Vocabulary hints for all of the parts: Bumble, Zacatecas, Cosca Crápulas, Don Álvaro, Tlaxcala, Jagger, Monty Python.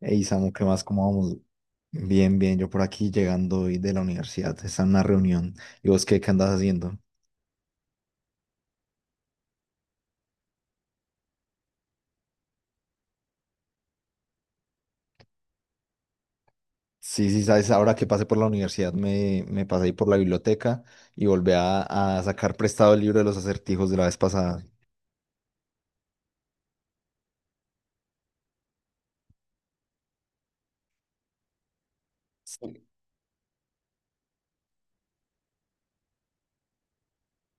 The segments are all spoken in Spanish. Hey Samu, ¿qué más? ¿Cómo vamos? Bien, bien, yo por aquí llegando hoy de la universidad, está en una reunión. ¿Y vos qué andas haciendo? Sí, sí, sabes, ahora que pasé por la universidad me pasé ahí por la biblioteca y volví a sacar prestado el libro de los acertijos de la vez pasada. Sí,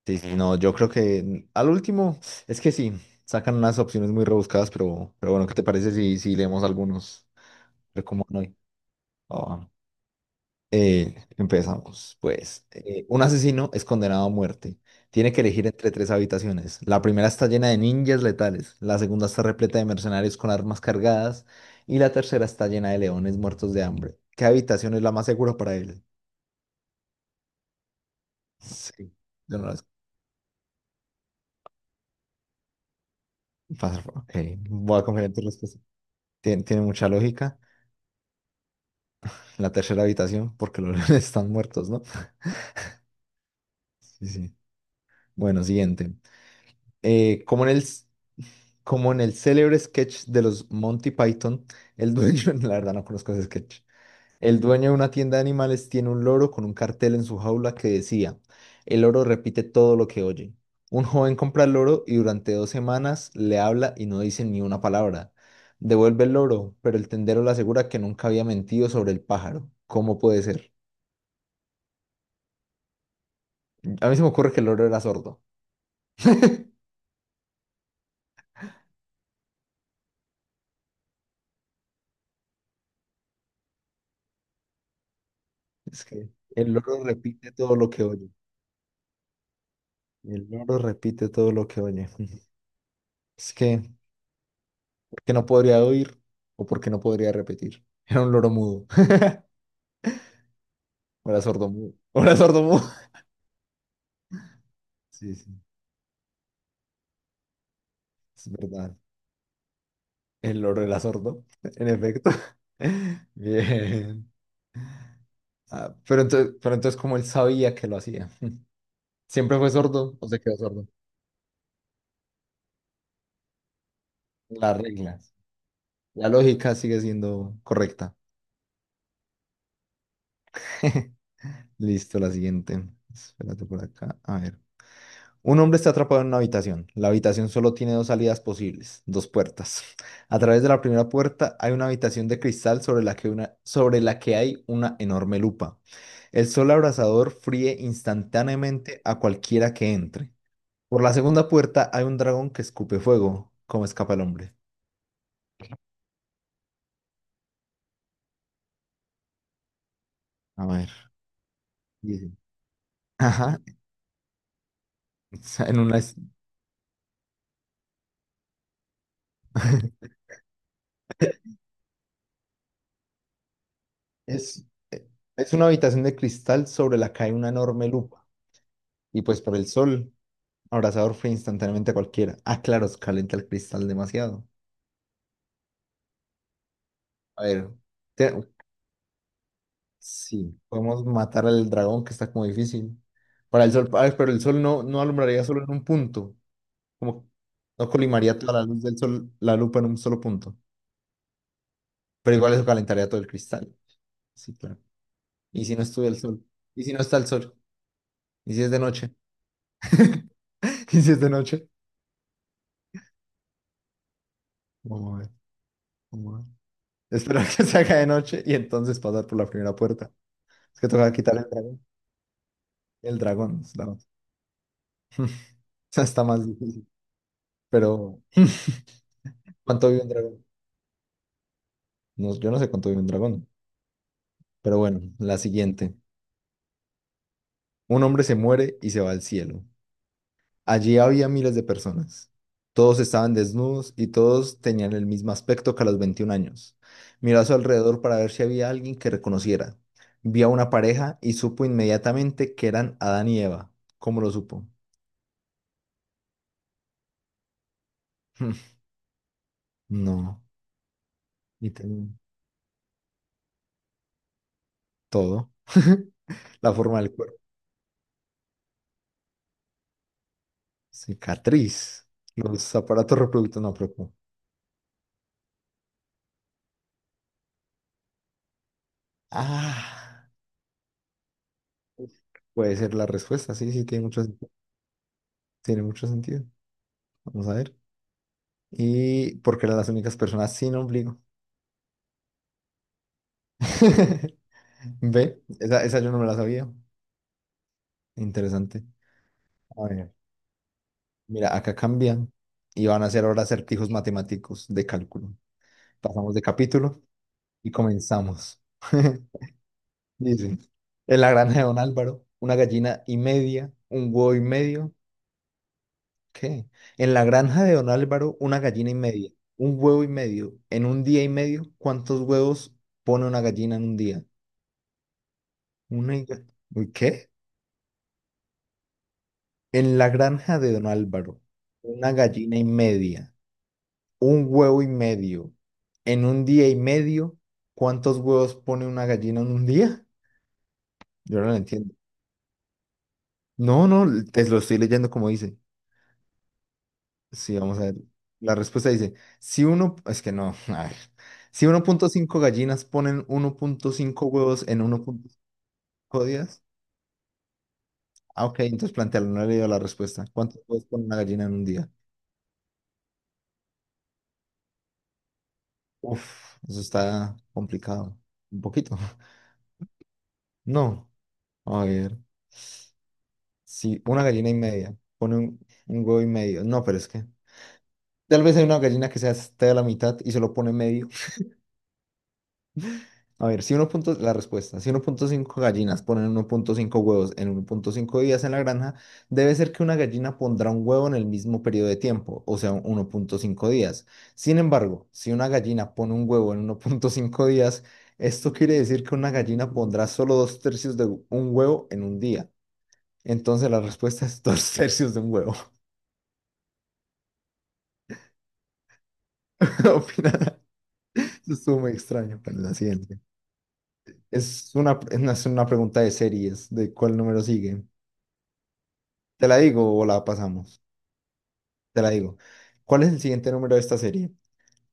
sí, sí, no, yo creo que al último, es que sí, sacan unas opciones muy rebuscadas, pero, bueno, ¿qué te parece si leemos algunos? Pero como no hay. Empezamos, pues. Un asesino es condenado a muerte. Tiene que elegir entre tres habitaciones. La primera está llena de ninjas letales, la segunda está repleta de mercenarios con armas cargadas y la tercera está llena de leones muertos de hambre. ¿Qué habitación es la más segura para él? Sí, yo no la es- pasa- ok. Voy a confiar en tu respuesta. Tiene mucha lógica. La tercera habitación, porque los leones están muertos, ¿no? Sí, sí. Bueno, siguiente. Eh, como en el Como en el célebre sketch de los Monty Python, el dueño, la verdad no conozco ese sketch, el dueño de una tienda de animales tiene un loro con un cartel en su jaula que decía, el loro repite todo lo que oye. Un joven compra el loro y durante 2 semanas le habla y no dice ni una palabra. Devuelve el loro, pero el tendero le asegura que nunca había mentido sobre el pájaro. ¿Cómo puede ser? A mí se me ocurre que el loro era sordo. Es que el loro repite todo lo que oye. El loro repite todo lo que oye. Es que no podría oír o porque no podría repetir. Era un loro mudo, o era sordo mudo, o era sordo mudo. Sí, sí, es verdad. El loro era sordo, en efecto. Bien. Ah, pero entonces, ¿cómo él sabía que lo hacía? ¿Siempre fue sordo o se quedó sordo? Las reglas. La lógica sigue siendo correcta. Listo, la siguiente. Espérate por acá. A ver. Un hombre está atrapado en una habitación. La habitación solo tiene dos salidas posibles, dos puertas. A través de la primera puerta hay una habitación de cristal sobre la que hay una enorme lupa. El sol abrasador fríe instantáneamente a cualquiera que entre. Por la segunda puerta hay un dragón que escupe fuego. ¿Cómo escapa el hombre? A ver, dice. Ajá. En una, es, es es una habitación de cristal sobre la que hay una enorme lupa. Y pues por el sol. Abrazador fue instantáneamente a cualquiera. Ah, claro, calienta el cristal demasiado. A ver, te- sí, podemos matar al dragón que está como difícil. Para el sol, ah, pero el sol no, no alumbraría solo en un punto. Como no colimaría toda la luz del sol, la lupa en un solo punto. Pero igual eso calentaría todo el cristal. Sí, claro. ¿Y si no estuviera el sol? ¿Y si no está el sol? ¿Y si es de noche? ¿Y si es de noche? Vamos a ver, vamos a ver. Esperar que se haga de noche y entonces pasar por la primera puerta. Es que toca quitar el dragón. El dragón. Está más difícil. Pero, ¿cuánto vive un dragón? No, yo no sé cuánto vive un dragón. Pero bueno, la siguiente. Un hombre se muere y se va al cielo. Allí había miles de personas. Todos estaban desnudos y todos tenían el mismo aspecto que a los 21 años. Miró a su alrededor para ver si había alguien que reconociera. Vio a una pareja y supo inmediatamente que eran Adán y Eva. ¿Cómo lo supo? No, y te- todo. La forma del cuerpo. Cicatriz. Los aparatos reproductores, no, pero ¿cómo? Ah, puede ser la respuesta, sí, sí, tiene mucho sentido. Vamos a ver. Y porque eran las únicas personas sin ombligo. Ve, esa yo no me la sabía. Interesante. A ver, mira, acá cambian y van a hacer ahora acertijos matemáticos de cálculo. Pasamos de capítulo y comenzamos. Dice, en la granja de Don Álvaro, una gallina y media, un huevo y medio. ¿Qué? En la granja de Don Álvaro, una gallina y media, un huevo y medio. En un día y medio, ¿cuántos huevos pone una gallina en un día? Una... y... ¿Uy, qué? En la granja de Don Álvaro, una gallina y media, un huevo y medio. En un día y medio, ¿cuántos huevos pone una gallina en un día? Yo no lo entiendo. No, no, te lo estoy leyendo como dice. Sí, vamos a ver. La respuesta dice, si uno, es que no, a ver, si 1.5 gallinas ponen 1.5 huevos en 1.5 días. Ah, ok, entonces plantealo, no he leído la respuesta. ¿Cuántos huevos pone una gallina en un día? Uf, eso está complicado, un poquito. No, a ver, si una gallina y media pone un huevo y medio, no, pero es que tal vez hay una gallina que se esté a la mitad y solo pone medio. A ver, si uno punto, la respuesta, si uno punto cinco gallinas ponen uno punto cinco huevos en uno punto cinco días en la granja, debe ser que una gallina pondrá un huevo en el mismo periodo de tiempo, o sea, 1.5 días. Sin embargo, si una gallina pone un huevo en 1.5 días, esto quiere decir que una gallina pondrá solo dos tercios de un huevo en un día. Entonces la respuesta es dos tercios de un huevo. ¿Qué opinas? Eso estuvo muy extraño para la siguiente. Es una pregunta de series, de cuál número sigue. ¿Te la digo o la pasamos? Te la digo. ¿Cuál es el siguiente número de esta serie?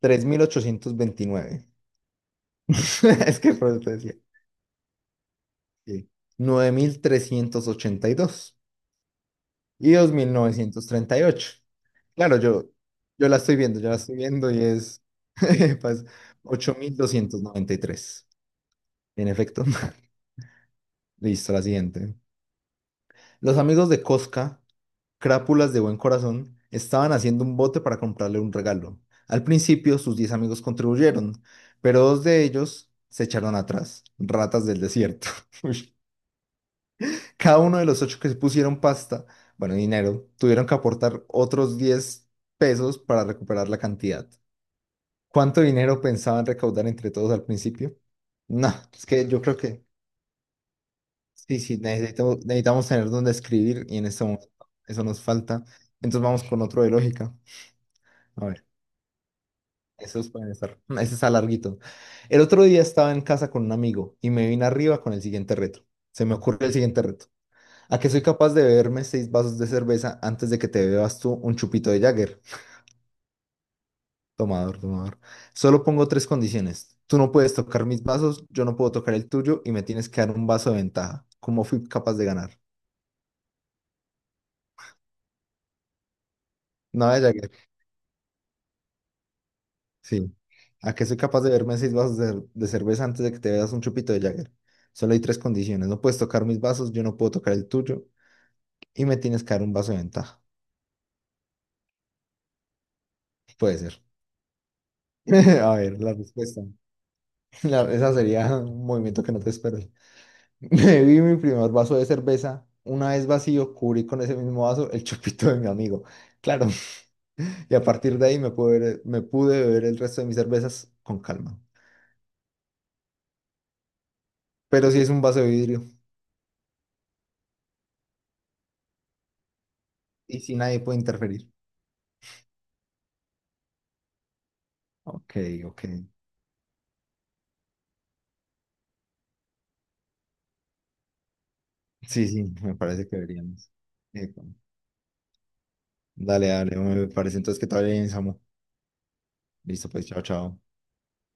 3829. Es que por eso te decía. Sí. 9382 y 1938. Claro, yo la estoy viendo, yo la estoy viendo y es pues, 8293. En efecto. Listo, la siguiente. Los amigos de Cosca Crápulas de buen corazón, estaban haciendo un bote para comprarle un regalo. Al principio sus 10 amigos contribuyeron, pero dos de ellos se echaron atrás, ratas del desierto. Uy. Cada uno de los ocho que se pusieron pasta, bueno, dinero, tuvieron que aportar otros 10 pesos para recuperar la cantidad. ¿Cuánto dinero pensaban recaudar entre todos al principio? No, es que yo creo que sí, sí, necesitamos, necesitamos tener donde escribir y en este momento eso nos falta. Entonces vamos con otro de lógica. A ver. Esos pueden estar. Ese está larguito. El otro día estaba en casa con un amigo y me vine arriba con el siguiente reto. Se me ocurre el siguiente reto. ¿A que soy capaz de beberme seis vasos de cerveza antes de que te bebas tú un chupito de Jagger? Tomador, tomador. Solo pongo tres condiciones. Tú no puedes tocar mis vasos, yo no puedo tocar el tuyo y me tienes que dar un vaso de ventaja. ¿Cómo fui capaz de ganar? Nada de Jagger. Sí. ¿A que soy capaz de beberme seis vasos de cerveza antes de que te bebas un chupito de Jagger? Solo hay tres condiciones. No puedes tocar mis vasos, yo no puedo tocar el tuyo y me tienes que dar un vaso de ventaja. Puede ser. A ver, la respuesta. Esa sería un movimiento que no te esperas. Bebí mi primer vaso de cerveza. Una vez vacío, cubrí con ese mismo vaso el chupito de mi amigo. Claro. Y a partir de ahí me pude beber el resto de mis cervezas con calma. Pero si es un vaso de vidrio y si nadie puede interferir. Ok, ok. Sí, sí, me parece que deberíamos. Epa. Dale, dale, me parece entonces que todavía bien, Samu. Listo, pues, chao, chao.